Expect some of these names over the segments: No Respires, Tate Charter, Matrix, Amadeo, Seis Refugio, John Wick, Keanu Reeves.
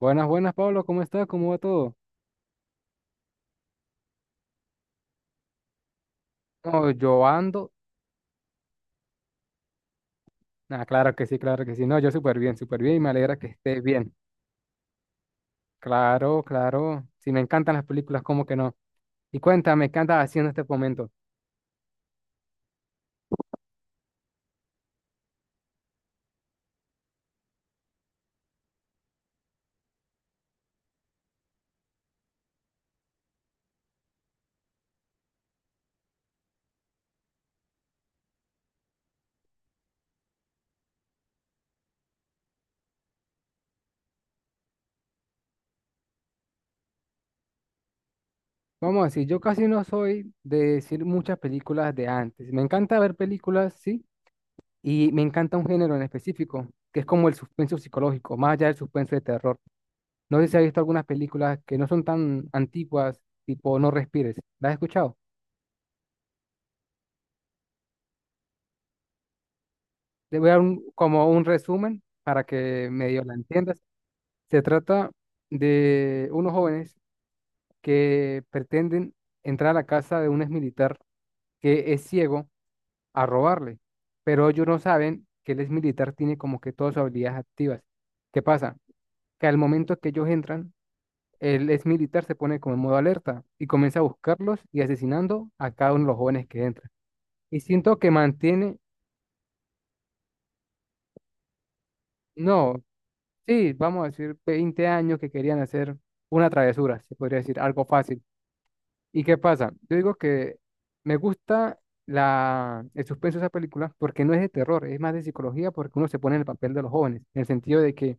Buenas, buenas, Pablo, ¿cómo estás? ¿Cómo va todo? No, yo ando. Ah, claro que sí, claro que sí. No, yo súper bien y me alegra que estés bien. Claro, claro. Si me encantan las películas, ¿cómo que no? Y cuéntame, ¿qué andas haciendo en este momento? Vamos a decir, yo casi no soy de decir muchas películas de antes. Me encanta ver películas, sí, y me encanta un género en específico, que es como el suspenso psicológico, más allá del suspenso de terror. No sé si has visto algunas películas que no son tan antiguas, tipo No Respires. ¿Las has escuchado? Te voy a dar como un resumen para que medio la entiendas. Se trata de unos jóvenes que pretenden entrar a la casa de un exmilitar que es ciego a robarle, pero ellos no saben que el exmilitar tiene como que todas sus habilidades activas. ¿Qué pasa? Que al momento que ellos entran, el exmilitar se pone como en modo alerta y comienza a buscarlos y asesinando a cada uno de los jóvenes que entran. Y siento que mantiene, no, sí, vamos a decir 20 años que querían hacer una travesura, se podría decir, algo fácil. ¿Y qué pasa? Yo digo que me gusta el suspenso de esa película porque no es de terror, es más de psicología porque uno se pone en el papel de los jóvenes, en el sentido de que,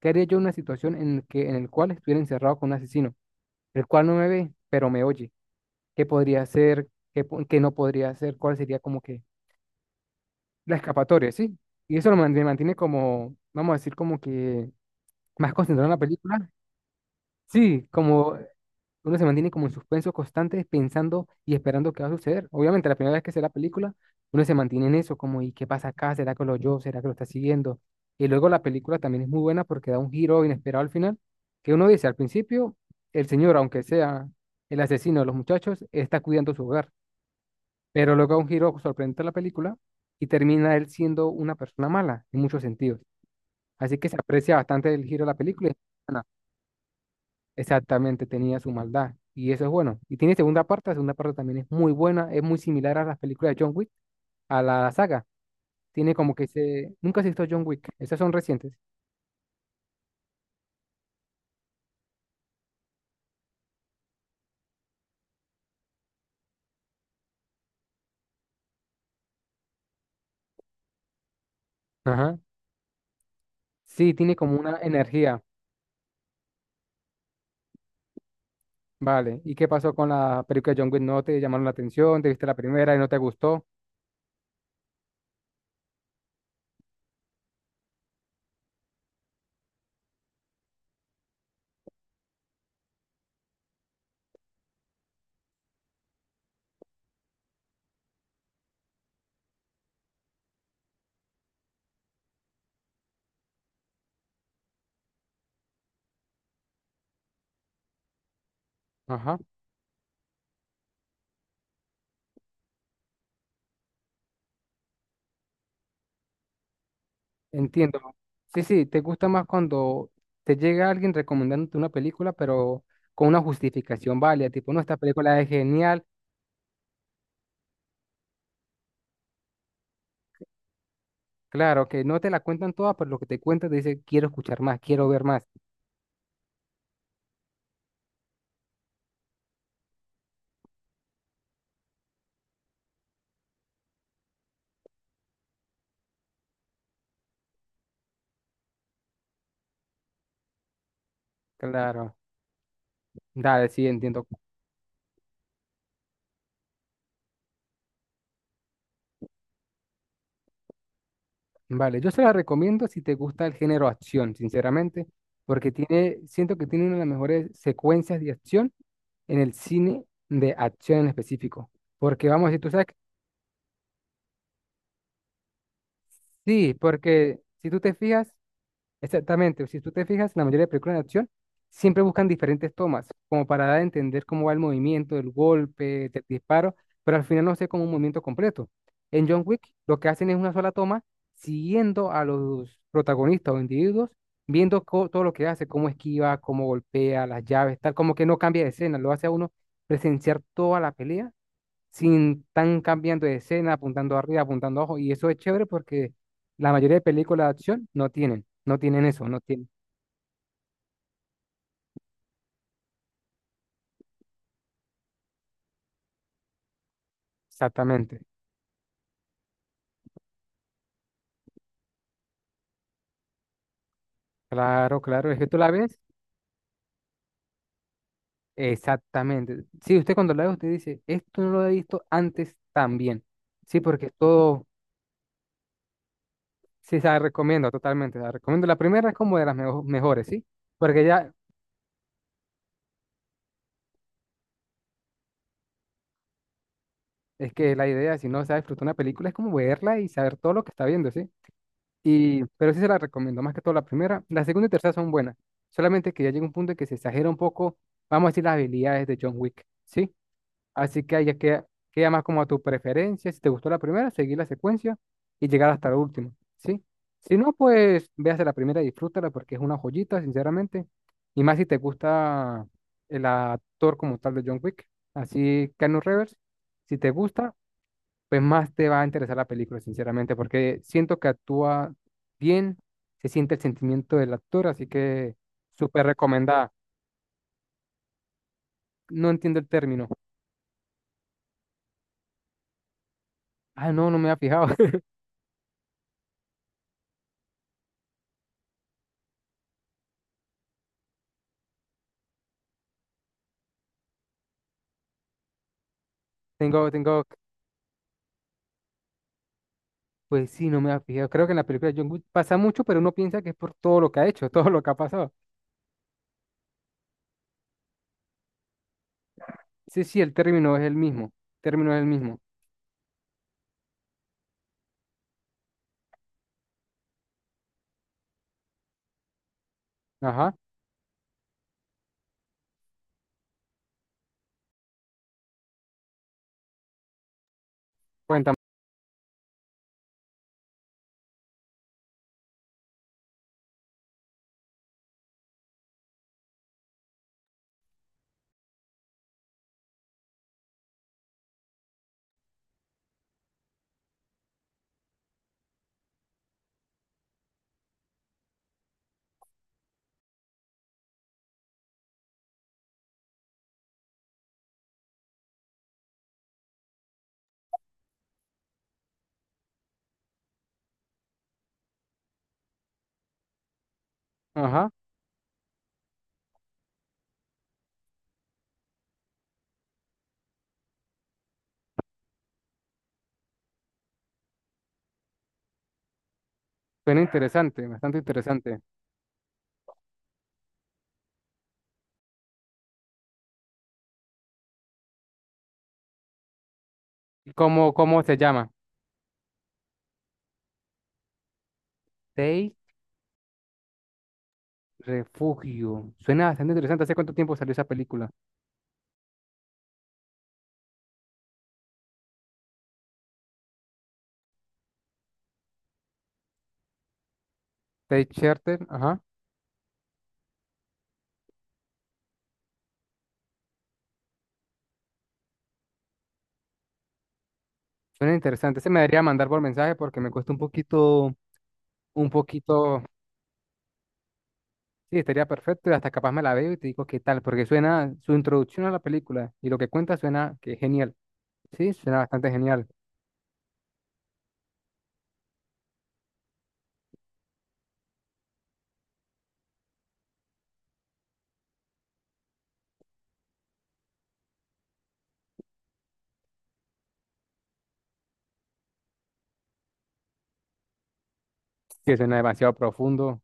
¿qué haría yo en una situación en el cual estuviera encerrado con un asesino, el cual no me ve, pero me oye? ¿Qué podría hacer? ¿Qué, qué no podría hacer? ¿Cuál sería como que la escapatoria, sí? Y eso me mantiene como, vamos a decir, como que más concentrado en la película. Sí, como uno se mantiene como en suspenso constante, pensando y esperando qué va a suceder. Obviamente, la primera vez que se ve la película, uno se mantiene en eso, como, ¿y qué pasa acá? ¿Será que lo oyó? ¿Será que lo está siguiendo? Y luego la película también es muy buena porque da un giro inesperado al final, que uno dice, al principio, el señor, aunque sea el asesino de los muchachos, está cuidando su hogar, pero luego da un giro sorprendente a la película y termina él siendo una persona mala en muchos sentidos. Así que se aprecia bastante el giro de la película. Exactamente, tenía su maldad. Y eso es bueno. Y tiene segunda parte, la segunda parte también es muy buena, es muy similar a las películas de John Wick, a la saga. Tiene como que se... Nunca se visto John Wick, esas son recientes. Ajá. Sí, tiene como una energía. Vale. ¿Y qué pasó con la película de John Wick? ¿No te llamaron la atención? ¿Te viste la primera y no te gustó? Ajá. Entiendo. Sí, sí, te gusta más cuando te llega alguien recomendándote una película, pero con una justificación válida, tipo, no, esta película es genial. Claro, que no te la cuentan todas, pero lo que te cuentan te dice, quiero escuchar más, quiero ver más. Claro, dale, sí, entiendo. Vale, yo se la recomiendo si te gusta el género acción, sinceramente, porque tiene, siento que tiene una de las mejores secuencias de acción en el cine de acción en específico. Porque vamos, si tú sabes, que- sí, porque si tú te fijas, exactamente, si tú te fijas, la mayoría de películas de acción siempre buscan diferentes tomas, como para dar a entender cómo va el movimiento, el golpe, el disparo, pero al final no se ve como un movimiento completo. En John Wick, lo que hacen es una sola toma, siguiendo a los protagonistas o individuos, viendo todo lo que hace, cómo esquiva, cómo golpea, las llaves, tal, como que no cambia de escena, lo hace a uno presenciar toda la pelea sin tan cambiando de escena, apuntando arriba, apuntando abajo. Y eso es chévere porque la mayoría de películas de acción no tienen eso, no tienen. Exactamente. Claro, claro, es que tú la ves. Exactamente. Sí, usted cuando la ve, usted dice, esto no lo he visto antes también. Sí, porque todo, sí, se la recomiendo totalmente, se la recomiendo. La primera es como de las mejores, ¿sí? Porque ya es que la idea, si no se disfrutar una película, es como verla y saber todo lo que está viendo, ¿sí? Y, pero sí se la recomiendo, más que todo la primera. La segunda y tercera son buenas. Solamente que ya llega un punto en que se exagera un poco, vamos a decir, las habilidades de John Wick, ¿sí? Así que ahí ya queda, queda más como a tu preferencia. Si te gustó la primera, seguir la secuencia y llegar hasta la última, ¿sí? Si no, pues véase la primera y disfrútala porque es una joyita, sinceramente. Y más si te gusta el actor como tal de John Wick, así Keanu Reeves. Si te gusta, pues más te va a interesar la película, sinceramente, porque siento que actúa bien, se siente el sentimiento del actor, así que súper recomendada. No entiendo el término. Ah, no, no me había fijado. Tengo, tengo, pues sí, no me había fijado. Creo que en la película de John Wick pasa mucho, pero uno piensa que es por todo lo que ha hecho, todo lo que ha pasado. Sí, sí, el término es el mismo. Término es el mismo. Ajá, cuéntame. Ajá, suena interesante, bastante interesante. ¿Y ¿cómo, cómo se llama? Seis Refugio. Suena bastante interesante. ¿Hace cuánto tiempo salió esa película? Tate Charter, ajá. Suena interesante. Se me debería mandar por mensaje porque me cuesta un poquito, un poquito. Sí, estaría perfecto y hasta capaz me la veo y te digo qué tal, porque suena su introducción a la película y lo que cuenta suena que es genial. Sí, suena bastante genial. Sí, suena demasiado profundo.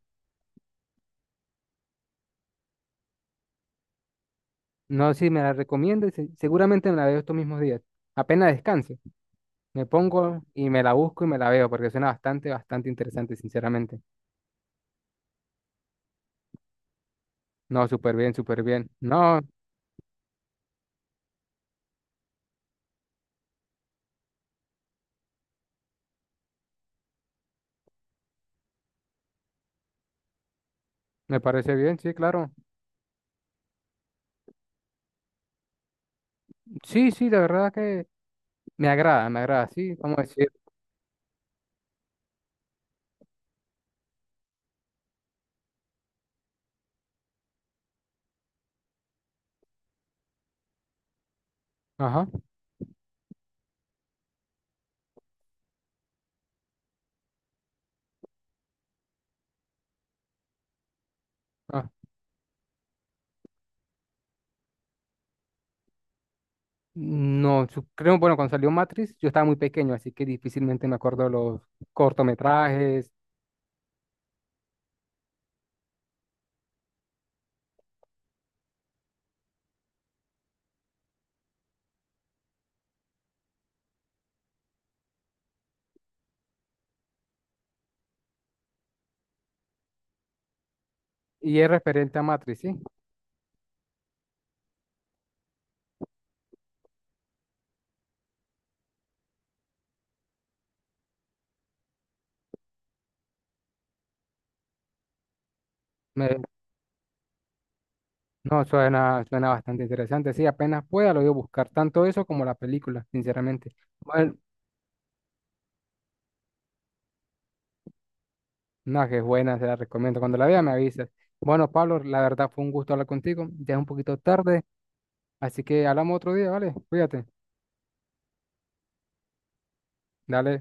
No sé si me la recomiendes, seguramente me la veo estos mismos días. Apenas descanse, me pongo y me la busco y me la veo porque suena bastante, bastante interesante, sinceramente. No, súper bien, súper bien. No, me parece bien, sí, claro. Sí, sí, la verdad que me agrada, me agrada, sí, vamos a decir. Ajá. Ah, no, creo, bueno, cuando salió Matrix, yo estaba muy pequeño, así que difícilmente me acuerdo los cortometrajes y es referente a Matrix, sí. Me- no, suena, suena bastante interesante, sí, apenas pueda lo voy a buscar, tanto eso como la película, sinceramente. Bueno, no, que es buena, se la recomiendo. Cuando la vea me avisas. Bueno, Pablo, la verdad fue un gusto hablar contigo, ya es un poquito tarde, así que hablamos otro día, ¿vale? Cuídate. Dale.